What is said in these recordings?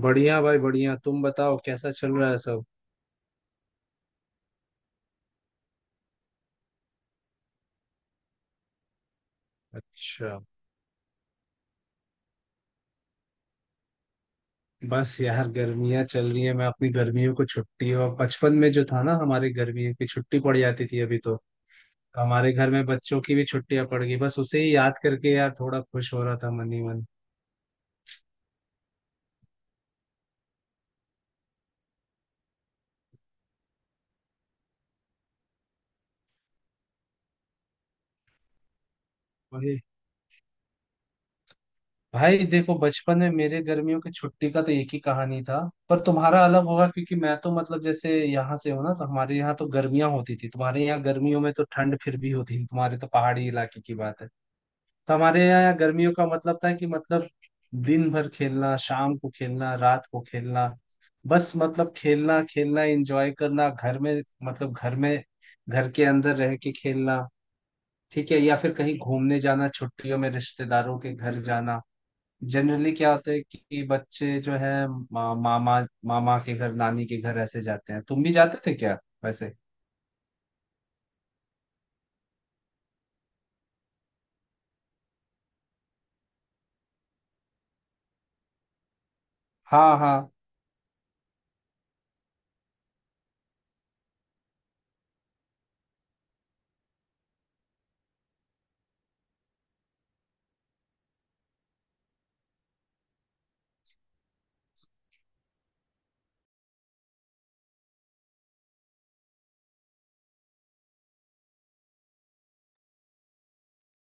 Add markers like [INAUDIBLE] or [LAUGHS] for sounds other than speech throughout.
बढ़िया भाई बढ़िया। तुम बताओ कैसा चल रहा है सब? अच्छा। बस यार गर्मियां चल रही है, मैं अपनी गर्मियों को छुट्टी और बचपन में जो था ना हमारे गर्मियों की छुट्टी पड़ जाती थी अभी तो हमारे घर में बच्चों की भी छुट्टियां पड़ गई, बस उसे ही याद करके यार थोड़ा खुश हो रहा था मन ही मन। वही। भाई देखो बचपन में मेरे गर्मियों की छुट्टी का तो एक ही कहानी था, पर तुम्हारा अलग होगा क्योंकि मैं तो मतलब जैसे यहाँ से हूँ ना तो हमारे यहाँ तो गर्मियां होती थी, तुम्हारे यहाँ गर्मियों में तो ठंड फिर भी होती थी, तुम्हारे तो पहाड़ी इलाके की बात है। तो हमारे यहाँ गर्मियों का मतलब था कि मतलब दिन भर खेलना शाम को खेलना रात को खेलना। बस मतलब खेलना खेलना एंजॉय करना घर में। मतलब घर में घर के अंदर रह के खेलना। ठीक है, या फिर कहीं घूमने जाना छुट्टियों में रिश्तेदारों के घर जाना। जनरली क्या होता है कि बच्चे जो है मामा मामा के घर नानी के घर ऐसे जाते हैं, तुम भी जाते थे क्या वैसे? हाँ हाँ।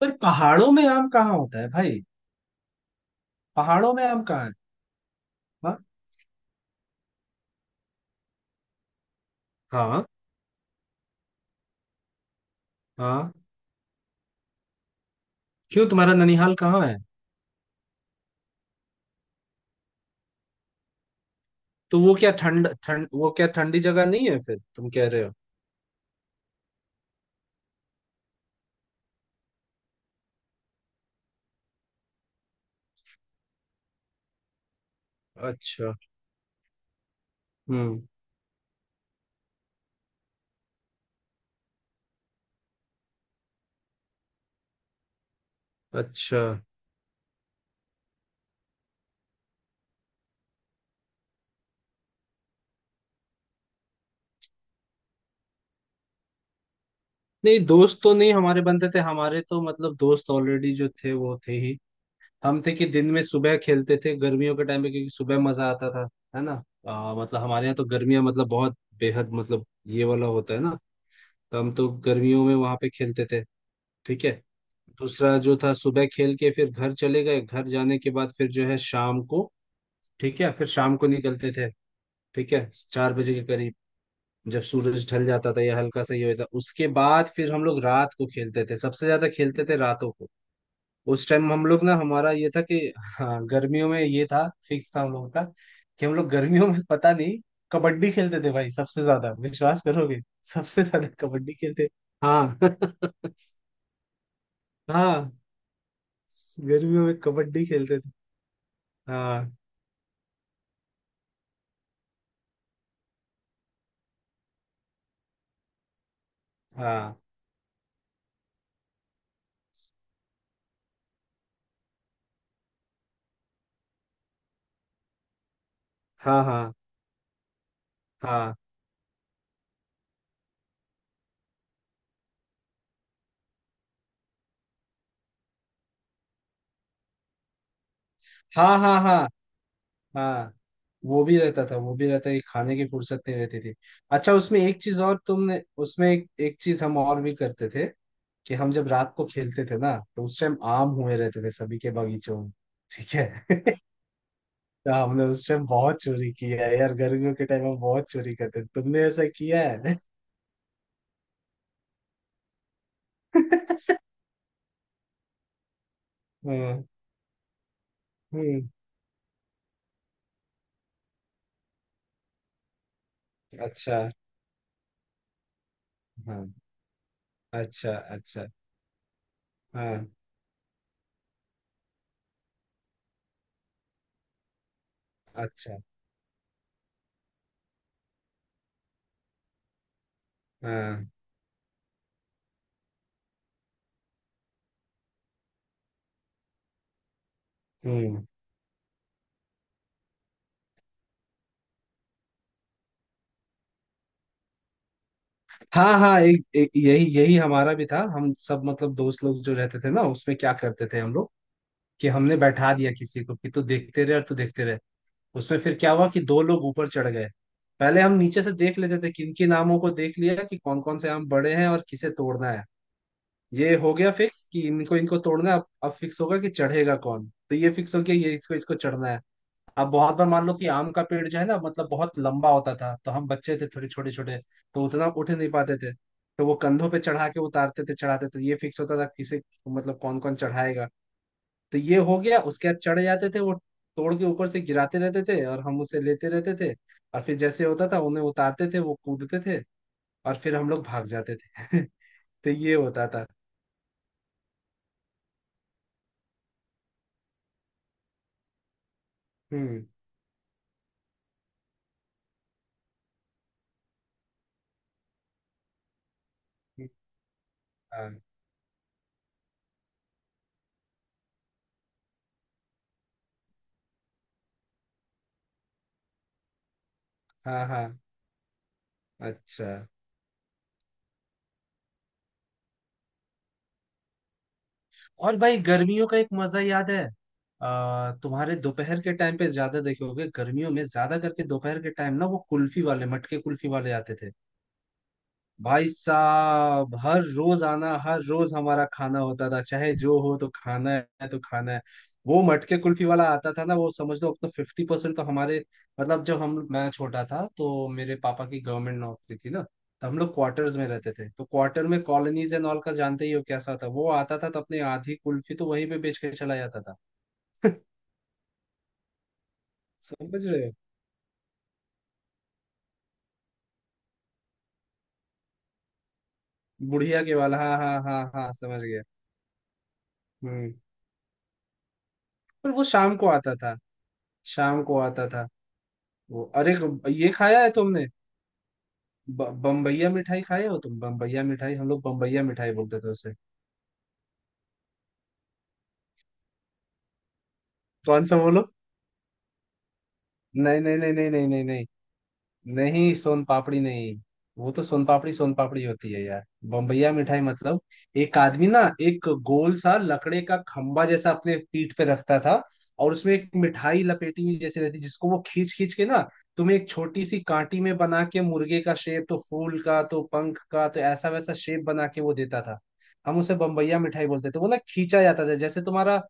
पर पहाड़ों में आम कहाँ होता है भाई? पहाड़ों में आम कहाँ है? हाँ हाँ हाँ। क्यों तुम्हारा ननिहाल कहाँ है? तो वो क्या ठंड ठंड वो क्या ठंडी जगह नहीं है फिर तुम कह रहे हो? अच्छा। हम्म। अच्छा। नहीं दोस्त तो नहीं हमारे बनते थे, हमारे तो मतलब दोस्त ऑलरेडी जो थे वो थे ही। हम थे कि दिन में सुबह खेलते थे गर्मियों के टाइम पे क्योंकि सुबह मजा आता था, है ना? मतलब हमारे यहाँ तो गर्मियाँ मतलब बहुत बेहद मतलब ये वाला होता है ना। तो हम तो गर्मियों में वहां पे खेलते थे। ठीक है। दूसरा जो था सुबह खेल के फिर घर चले गए, घर जाने के बाद फिर जो है शाम को। ठीक है, फिर शाम को निकलते थे। ठीक है, 4 बजे के करीब। जब सूरज ढल जाता था या हल्का सा ये होता उसके बाद फिर हम लोग रात को खेलते थे, सबसे ज्यादा खेलते थे रातों को। उस टाइम हम लोग ना हमारा ये था कि हाँ गर्मियों में ये था, फिक्स था हम लोगों का कि हम लोग गर्मियों में पता नहीं कबड्डी खेलते थे भाई, सबसे ज्यादा, विश्वास करोगे। सबसे ज्यादा कबड्डी खेलते। हाँ [LAUGHS] हाँ गर्मियों में कबड्डी खेलते थे। हाँ हाँ हाँ हाँ हाँ हाँ हाँ हाँ हाँ। वो भी रहता था, वो भी रहता है कि खाने की फुर्सत नहीं रहती थी। अच्छा उसमें एक चीज और, तुमने उसमें एक चीज हम और भी करते थे कि हम जब रात को खेलते थे ना तो उस टाइम आम हुए रहते थे सभी के बगीचों में। ठीक है। [LAUGHS] तो हमने उस टाइम बहुत चोरी किया है यार, गर्मियों के टाइम हम बहुत चोरी करते थे, तुमने ऐसा किया है? [LAUGHS] हम्म हम्म, अच्छा, हाँ, अच्छा अच्छा, हाँ, अच्छा, हाँ, हम्म। हाँ हाँ, एक, एक, यही यही हमारा भी था। हम सब मतलब दोस्त लोग जो रहते थे ना, उसमें क्या करते थे हम लोग कि हमने बैठा दिया किसी को कि तू देखते रहे और तू देखते रहे। उसमें फिर क्या हुआ कि दो लोग ऊपर चढ़ गए। पहले हम नीचे से देख लेते थे किन किन आमों को, देख लिया कि कौन कौन से आम बड़े हैं और किसे तोड़ना है। ये हो गया फिक्स कि इनको इनको तोड़ना है, अब फिक्स होगा कि चढ़ेगा कौन, तो ये फिक्स हो गया ये इसको इसको चढ़ना है। अब बहुत बार मान लो कि आम का पेड़ जो है ना मतलब बहुत लंबा होता था, तो हम बच्चे थे थोड़े छोटे छोटे तो उतना उठ नहीं पाते थे, तो वो कंधों पे चढ़ा के उतारते थे चढ़ाते थे, ये फिक्स होता था किसे, मतलब कौन कौन चढ़ाएगा। तो ये हो गया, उसके बाद चढ़ जाते थे वो, तोड़ के ऊपर से गिराते रहते थे और हम उसे लेते रहते थे। और फिर जैसे होता था उन्हें उतारते थे, वो कूदते थे, और फिर हम लोग भाग जाते थे [LAUGHS] तो ये होता था। हम्म, हाँ हाँ हाँ। अच्छा और भाई गर्मियों का एक मजा याद है, तुम्हारे दोपहर के टाइम पे ज्यादा देखे होगे गर्मियों में, ज्यादा करके दोपहर के टाइम ना वो कुल्फी वाले मटके कुल्फी वाले आते थे। भाई साहब हर रोज आना, हर रोज हमारा खाना होता था, चाहे जो हो तो खाना है तो खाना है। वो मटके कुल्फी वाला आता था ना, वो समझ लो अपना 50% तो हमारे मतलब जब हम मैं छोटा था, तो मेरे पापा की गवर्नमेंट नौकरी थी ना तो हम लोग क्वार्टर्स में रहते थे, तो क्वार्टर में कॉलोनीज एंड ऑल का जानते ही हो कैसा था, वो आता था तो अपने आधी कुल्फी तो वहीं पे बेच के चला जाता था। समझ रहे हो? बुढ़िया के वाला, हाँ हाँ हाँ हाँ समझ गया। हम्म। पर वो शाम को आता था, शाम को आता था वो। अरे ये खाया है तुमने? बम्बैया मिठाई खाए हो तुम? बम्बैया मिठाई, हम लोग बम्बैया मिठाई बोलते थे उसे। कौन सा बोलो? नहीं नहीं नहीं नहीं नहीं नहीं नहीं। नहीं सोन पापड़ी नहीं। वो तो सोन पापड़ी, सोन पापड़ी होती है यार। बम्बैया मिठाई मतलब एक आदमी ना एक गोल सा लकड़े का खंबा जैसा अपने पीठ पे रखता था, और उसमें एक मिठाई लपेटी हुई जैसी रहती जिसको वो खींच खींच के ना तुम्हें एक छोटी सी कांटी में बना के मुर्गे का शेप तो फूल का तो पंख का तो ऐसा वैसा शेप बना के वो देता था। हम उसे बम्बैया मिठाई बोलते थे, वो ना खींचा जाता था जैसे तुम्हारा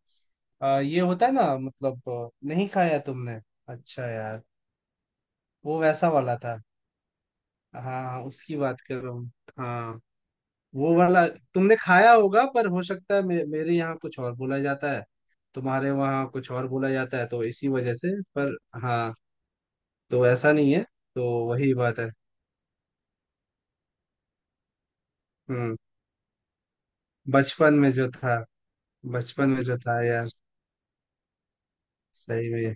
ये होता है ना मतलब, नहीं खाया तुमने? अच्छा यार, वो वैसा वाला था। हाँ उसकी बात कर रहा हूँ। हाँ वो वाला, तुमने खाया होगा पर हो सकता है मेरे यहाँ कुछ और बोला जाता है, तुम्हारे वहाँ कुछ और बोला जाता है तो इसी वजह से, पर हाँ। तो ऐसा नहीं है। तो वही बात है। हम्म। बचपन में जो था, बचपन में जो था यार। सही में।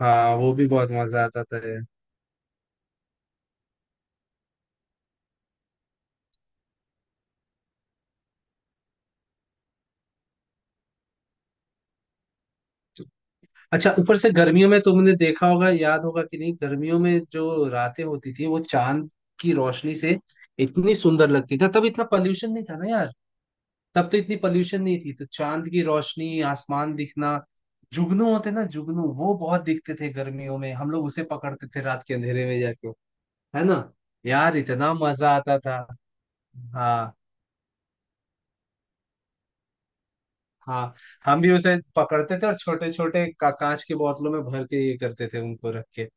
हाँ, वो भी बहुत मजा आता था यार। अच्छा ऊपर से गर्मियों में तुमने देखा होगा याद होगा कि नहीं, गर्मियों में जो रातें होती थी वो चांद की रोशनी से इतनी सुंदर लगती था, तब इतना पॉल्यूशन नहीं था ना यार। तब तो इतनी पोल्यूशन नहीं थी, तो चांद की रोशनी, आसमान दिखना, जुगनू होते ना जुगनू, वो बहुत दिखते थे गर्मियों में, हम लोग उसे पकड़ते थे रात के अंधेरे में जाके, है ना? यार इतना मजा आता था। हाँ हाँ। हम भी उसे पकड़ते थे और छोटे छोटे कांच की बोतलों में भर के ये करते थे उनको रख के।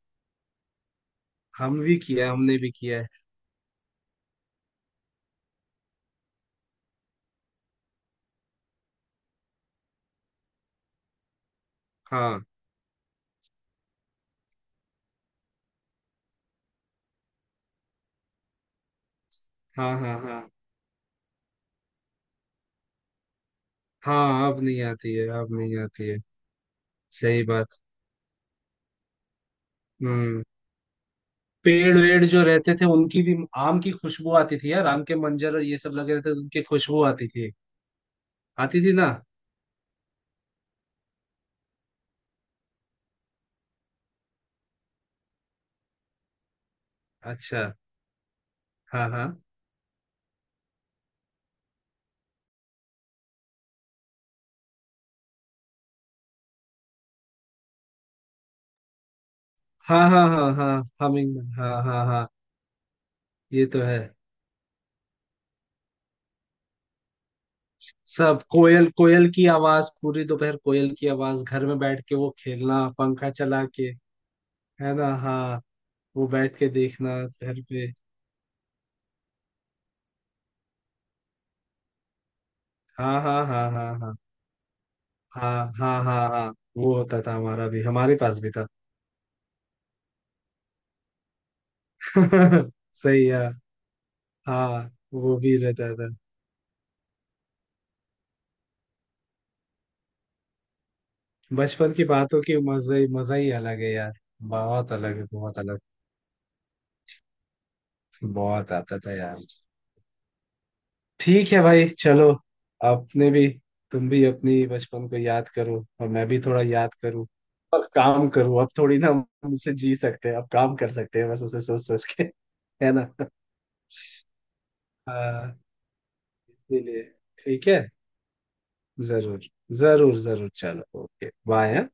हम भी किया है, हमने भी किया है। हाँ हाँ हाँ हाँ हाँ। अब नहीं आती है, अब नहीं आती है। सही बात। हम्म। पेड़ वेड़ जो रहते थे उनकी भी आम की खुशबू आती थी यार, आम के मंजर और ये सब लगे रहते थे, उनकी खुशबू आती थी। आती थी ना? अच्छा। हाँ हाँ हाँ हाँ हाँ हाँ, हमिंग, हाँ हाँ हाँ। ये तो है। सब कोयल कोयल की आवाज पूरी दोपहर, कोयल की आवाज, घर में बैठ के वो खेलना पंखा चला के, है ना, हाँ। वो बैठ के देखना घर पे। हाँ हाँ हाँ हाँ हाँ हाँ हाँ हाँ हाँ, वो होता था हमारा भी, हमारे पास भी था। [LAUGHS] सही है। हाँ वो भी रहता था। बचपन की बातों की मजा ही, मजा ही अलग है यार। बहुत अलग है, बहुत अलग। बहुत आता था यार। ठीक है भाई चलो। अपने भी, तुम भी अपनी बचपन को याद करो और मैं भी थोड़ा याद करूँ और काम करूँ, अब थोड़ी ना हम उसे जी सकते हैं, अब काम कर सकते हैं बस उसे सोच सोच के। है ना? हाँ। इसीलिए ठीक है। जरूर जरूर जरूर। चलो, ओके, बाय।